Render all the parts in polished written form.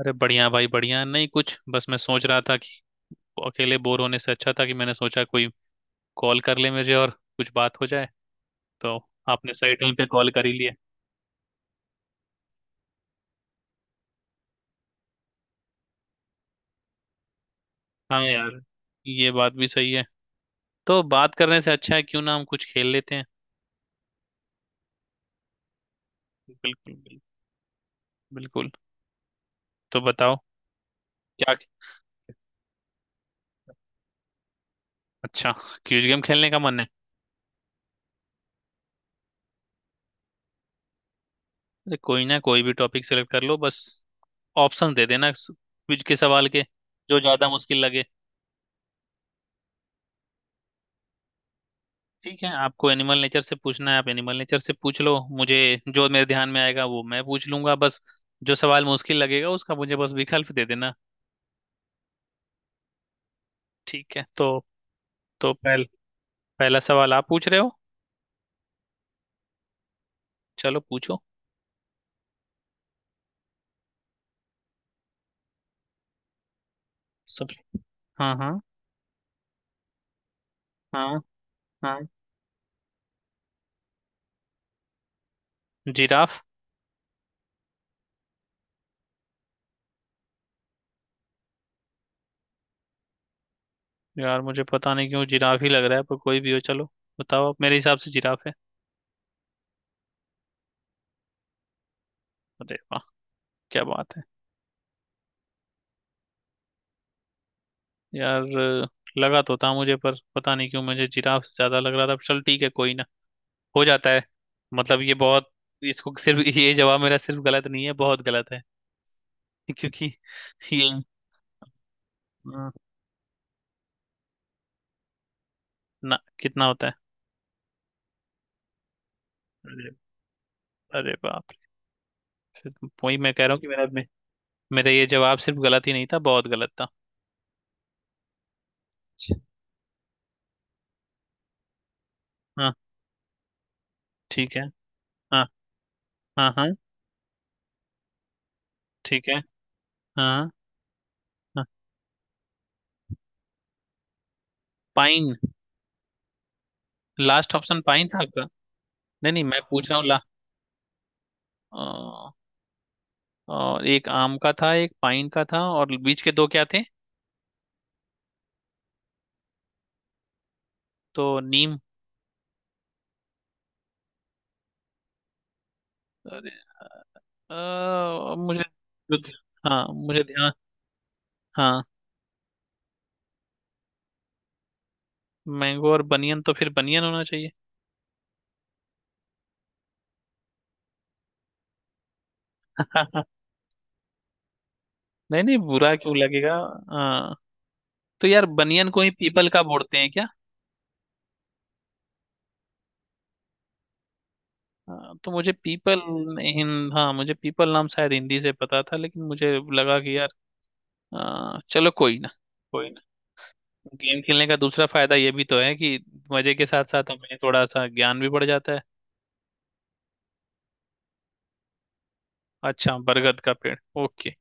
अरे बढ़िया भाई बढ़िया। नहीं कुछ बस मैं सोच रहा था कि अकेले बोर होने से अच्छा था कि मैंने सोचा कोई कॉल कर ले मुझे और कुछ बात हो जाए तो। आपने सही टाइम पे कॉल कर ही लिया। हाँ यार। ये बात भी सही है। तो बात करने से अच्छा है क्यों ना हम कुछ खेल लेते हैं। बिल्कुल बिल्कुल। बिल्कुल। तो बताओ। क्या? अच्छा। क्विज गेम खेलने का मन है। अरे कोई ना। कोई भी टॉपिक सेलेक्ट कर लो बस। ऑप्शन दे देना क्विज के सवाल के। जो ज्यादा मुश्किल लगे। ठीक है आपको एनिमल नेचर से पूछना है, आप एनिमल नेचर से पूछ लो मुझे। जो मेरे ध्यान में आएगा वो मैं पूछ लूंगा बस। जो सवाल मुश्किल लगेगा उसका मुझे बस विकल्प दे देना। ठीक है तो तो पहल, पहला सवाल आप पूछ रहे हो। चलो पूछो। सब। हाँ हाँ। हाँ हाँ। जिराफ। यार मुझे पता नहीं क्यों जिराफ ही लग रहा है पर कोई भी हो चलो। बताओ आप, मेरे हिसाब से जिराफ है। अरे वाह। क्या बात है। यार लगा तो था मुझे पर पता नहीं क्यों मुझे जिराफ से ज्यादा लग रहा था। चल ठीक है। कोई ना। हो जाता है। मतलब ये बहुत। इसको सिर्फ, ये जवाब मेरा सिर्फ गलत नहीं है बहुत गलत है। क्योंकि ये अ, ना कितना होता है। अरे। अरे बाप रे। फिर वही मैं कह रहा हूँ कि मेरा ये जवाब सिर्फ गलत ही नहीं था बहुत गलत था। हाँ। ठीक है। हाँ हाँ। हाँ। ठीक है। हाँ हाँ। हाँ। पाइन। लास्ट ऑप्शन पाइन था आपका। नहीं नहीं मैं पूछ रहा हूँ ला। अ, एक आम का था एक पाइन का था और बीच के दो क्या थे। तो नीम। अरे यार, मुझे। हाँ मुझे ध्यान। हाँ। मैंगो और बनियन, तो फिर बनियन होना चाहिए। नहीं नहीं बुरा क्यों लगेगा। हाँ। तो यार बनियन को ही पीपल का बोलते हैं क्या? हाँ, तो मुझे पीपल, हिंद, हाँ मुझे पीपल नाम शायद हिंदी से पता था लेकिन मुझे लगा कि यार। हाँ, चलो कोई ना। कोई ना। गेम खेलने का दूसरा फायदा ये भी तो है कि मजे के साथ साथ हमें थोड़ा सा ज्ञान भी बढ़ जाता है। अच्छा बरगद का पेड़, ओके।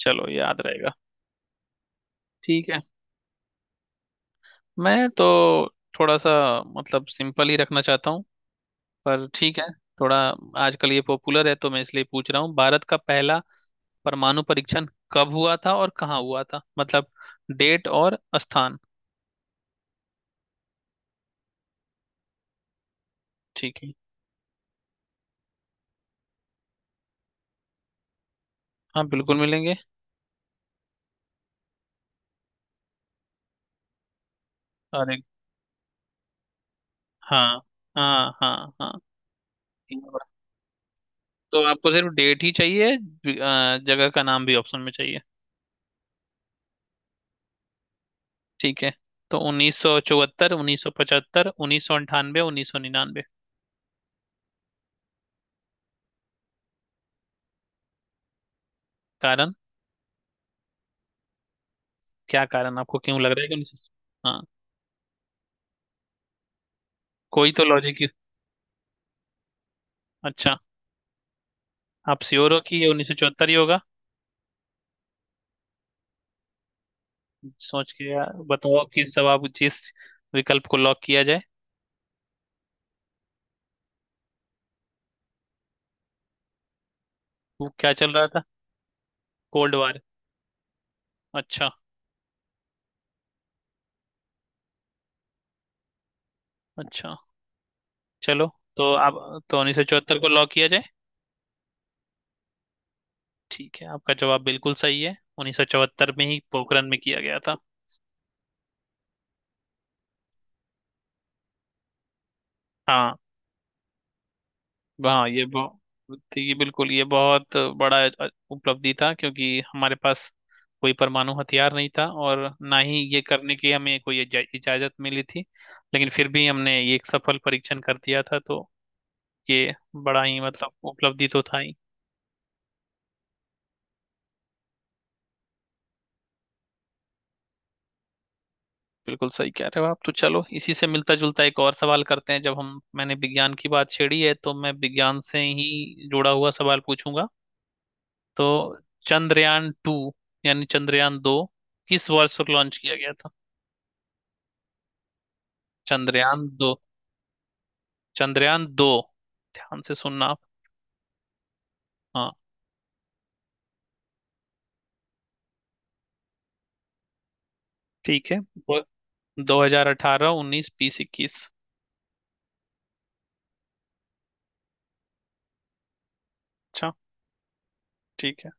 चलो याद रहेगा। ठीक है। मैं तो थोड़ा सा, मतलब सिंपल ही रखना चाहता हूँ। पर ठीक है। थोड़ा, आजकल ये पॉपुलर है तो मैं इसलिए पूछ रहा हूँ। भारत का पहला परमाणु परीक्षण कब हुआ था और कहाँ हुआ था, मतलब डेट और स्थान। ठीक है। हाँ बिल्कुल मिलेंगे। अरे। हाँ हाँ हाँ। हाँ। तीन बार। तो आपको सिर्फ डेट ही चाहिए जगह का नाम भी ऑप्शन में चाहिए? ठीक है तो 1974, 1975, 1998, 1999। कारण? क्या कारण, आपको क्यों लग रहा है कि 1900? कोई तो लॉजिक। अच्छा। आप श्योर हो कि ये 1974 ही होगा? सोच के यार, बताओ किस जवाब, जिस विकल्प को लॉक किया जाए। वो क्या चल रहा था? Cold war? अच्छा। अच्छा। चलो। तो आप, तो 1974 को लॉक किया जाए? ठीक है, आपका जवाब बिल्कुल सही है, 1974 में ही पोखरण में किया गया था। हाँ। हाँ ये बहुत, ये बिल्कुल, ये बहुत बड़ा उपलब्धि था क्योंकि हमारे पास कोई परमाणु हथियार नहीं था और ना ही ये करने की हमें कोई इजाजत मिली थी। लेकिन फिर भी हमने ये एक सफल परीक्षण कर दिया था। तो ये बड़ा ही मतलब उपलब्धि तो था ही। बिल्कुल सही कह रहे हो आप। तो चलो इसी से मिलता जुलता एक और सवाल करते हैं। जब हम, मैंने विज्ञान की बात छेड़ी है तो मैं विज्ञान से ही जुड़ा हुआ सवाल पूछूंगा। तो चंद्रयान टू यानी चंद्रयान दो किस वर्ष लॉन्च किया गया था? चंद्रयान दो। चंद्रयान दो, ध्यान से सुनना आप। हाँ। ठीक है। 2018, उन्नीस, बीस, इक्कीस। अच्छा। ठीक है।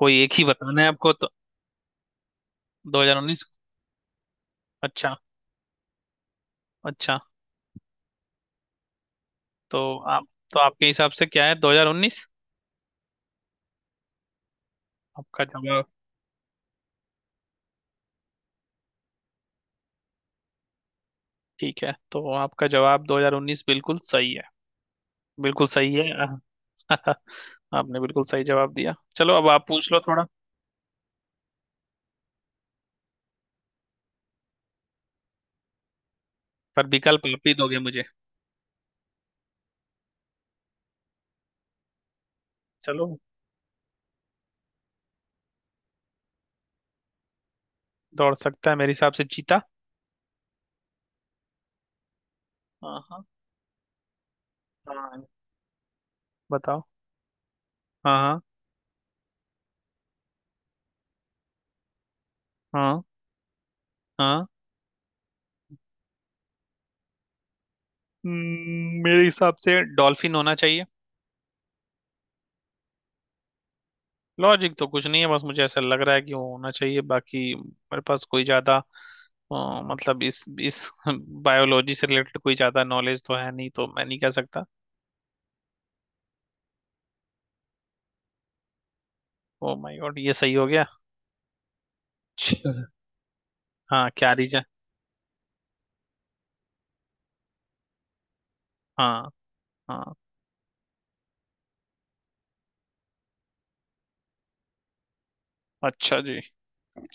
कोई एक ही बताना है आपको तो। दो हजार उन्नीस? अच्छा। अच्छा। तो आप, तो आपके हिसाब से क्या है, 2019 आपका जवाब? ठीक है तो आपका जवाब 2019 बिल्कुल सही है। बिल्कुल सही है। आपने बिल्कुल सही जवाब दिया। चलो अब आप पूछ लो थोड़ा। पर विकल्प आप ही दोगे मुझे। चलो। दौड़ सकता है, मेरे हिसाब से चीता। हाँ हाँ। हाँ। बताओ। हाँ हाँ। हाँ। मेरे हिसाब से डॉल्फिन होना चाहिए। लॉजिक तो कुछ नहीं है, बस मुझे ऐसा लग रहा है कि वो होना चाहिए। बाकी मेरे पास कोई ज्यादा, मतलब इस बायोलॉजी से रिलेटेड कोई ज्यादा नॉलेज तो है नहीं तो मैं नहीं कह सकता। ओ माय गॉड, ये सही हो गया। चलो। हाँ क्या रीजन? हाँ। हाँ। अच्छा जी।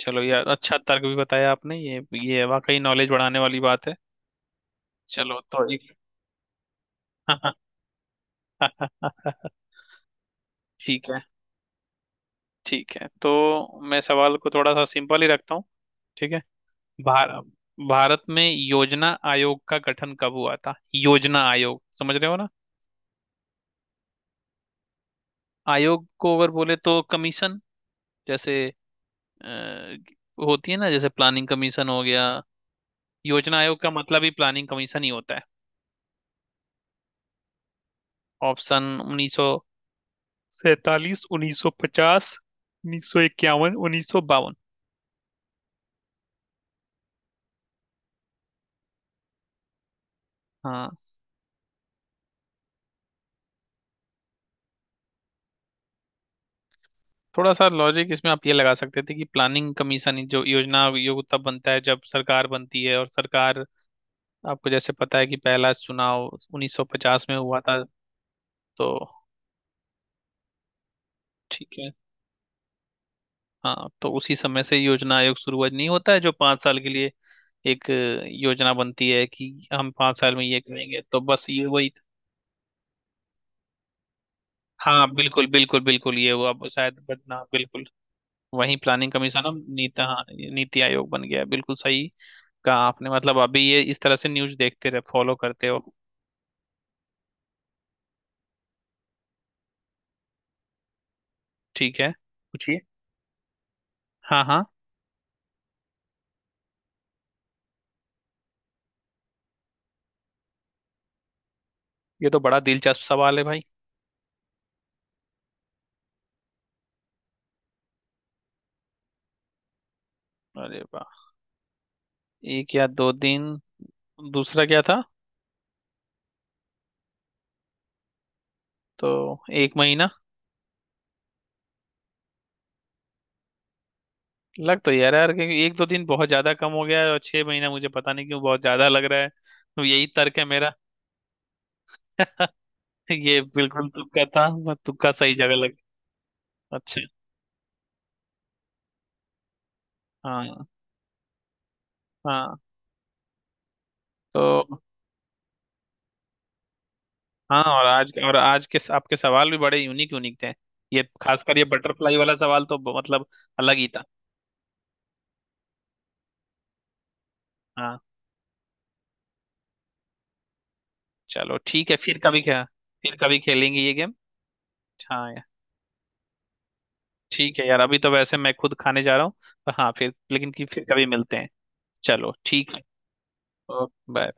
चलो यार अच्छा तर्क भी बताया आपने। ये वाकई नॉलेज बढ़ाने वाली बात है। चलो तो एक, ठीक है। ठीक है तो मैं सवाल को थोड़ा सा सिंपल ही रखता हूँ। ठीक है। भार, भारत में योजना आयोग का गठन कब हुआ था? योजना आयोग, समझ रहे हो ना? आयोग को अगर बोले तो कमीशन। जैसे, अ, होती है ना जैसे प्लानिंग कमीशन हो गया। योजना आयोग का मतलब ही प्लानिंग कमीशन ही होता है। ऑप्शन, 1947, 1950, 1951, 1952। हाँ, थोड़ा सा लॉजिक इसमें आप ये लगा सकते थे कि प्लानिंग कमीशन, जो योजना आयोग, तब बनता है जब सरकार बनती है, और सरकार, आपको जैसे पता है कि पहला चुनाव 1950 में हुआ था। तो ठीक है। हाँ तो उसी समय से योजना आयोग शुरू हुआ। नहीं होता है जो 5 साल के लिए एक योजना बनती है कि हम 5 साल में ये करेंगे, तो बस ये वही था। हाँ बिल्कुल बिल्कुल। बिल्कुल ये वो अब शायद बदना, बिल्कुल वही प्लानिंग कमीशन अब नीति, हाँ नीति आयोग बन गया है, बिल्कुल सही। का आपने मतलब, अभी ये इस तरह से न्यूज़ देखते रहे, फॉलो करते हो। ठीक है पूछिए। हाँ हाँ। ये तो बड़ा दिलचस्प सवाल है भाई। अरे वाह। एक या दो दिन। दूसरा क्या था? तो एक महीना। लग तो यार यार क्योंकि एक दो दिन बहुत ज्यादा कम हो गया है और छह महीना मुझे पता नहीं क्यों बहुत ज्यादा लग रहा है, तो यही तर्क है मेरा। ये बिल्कुल तुक्का था। मैं तुक्का सही जगह लग। अच्छा। हाँ। हाँ। तो हाँ, और आज, और आज के आपके सवाल भी बड़े यूनिक यूनिक थे। ये खासकर ये बटरफ्लाई वाला सवाल तो मतलब अलग ही था। हाँ चलो ठीक है फिर कभी क्या, फिर कभी खेलेंगे ये गेम। हाँ यार। ठीक है यार, अभी तो वैसे मैं खुद खाने जा रहा हूँ। पर हाँ फिर, लेकिन कि फिर कभी मिलते हैं। चलो ठीक है। Okay bye.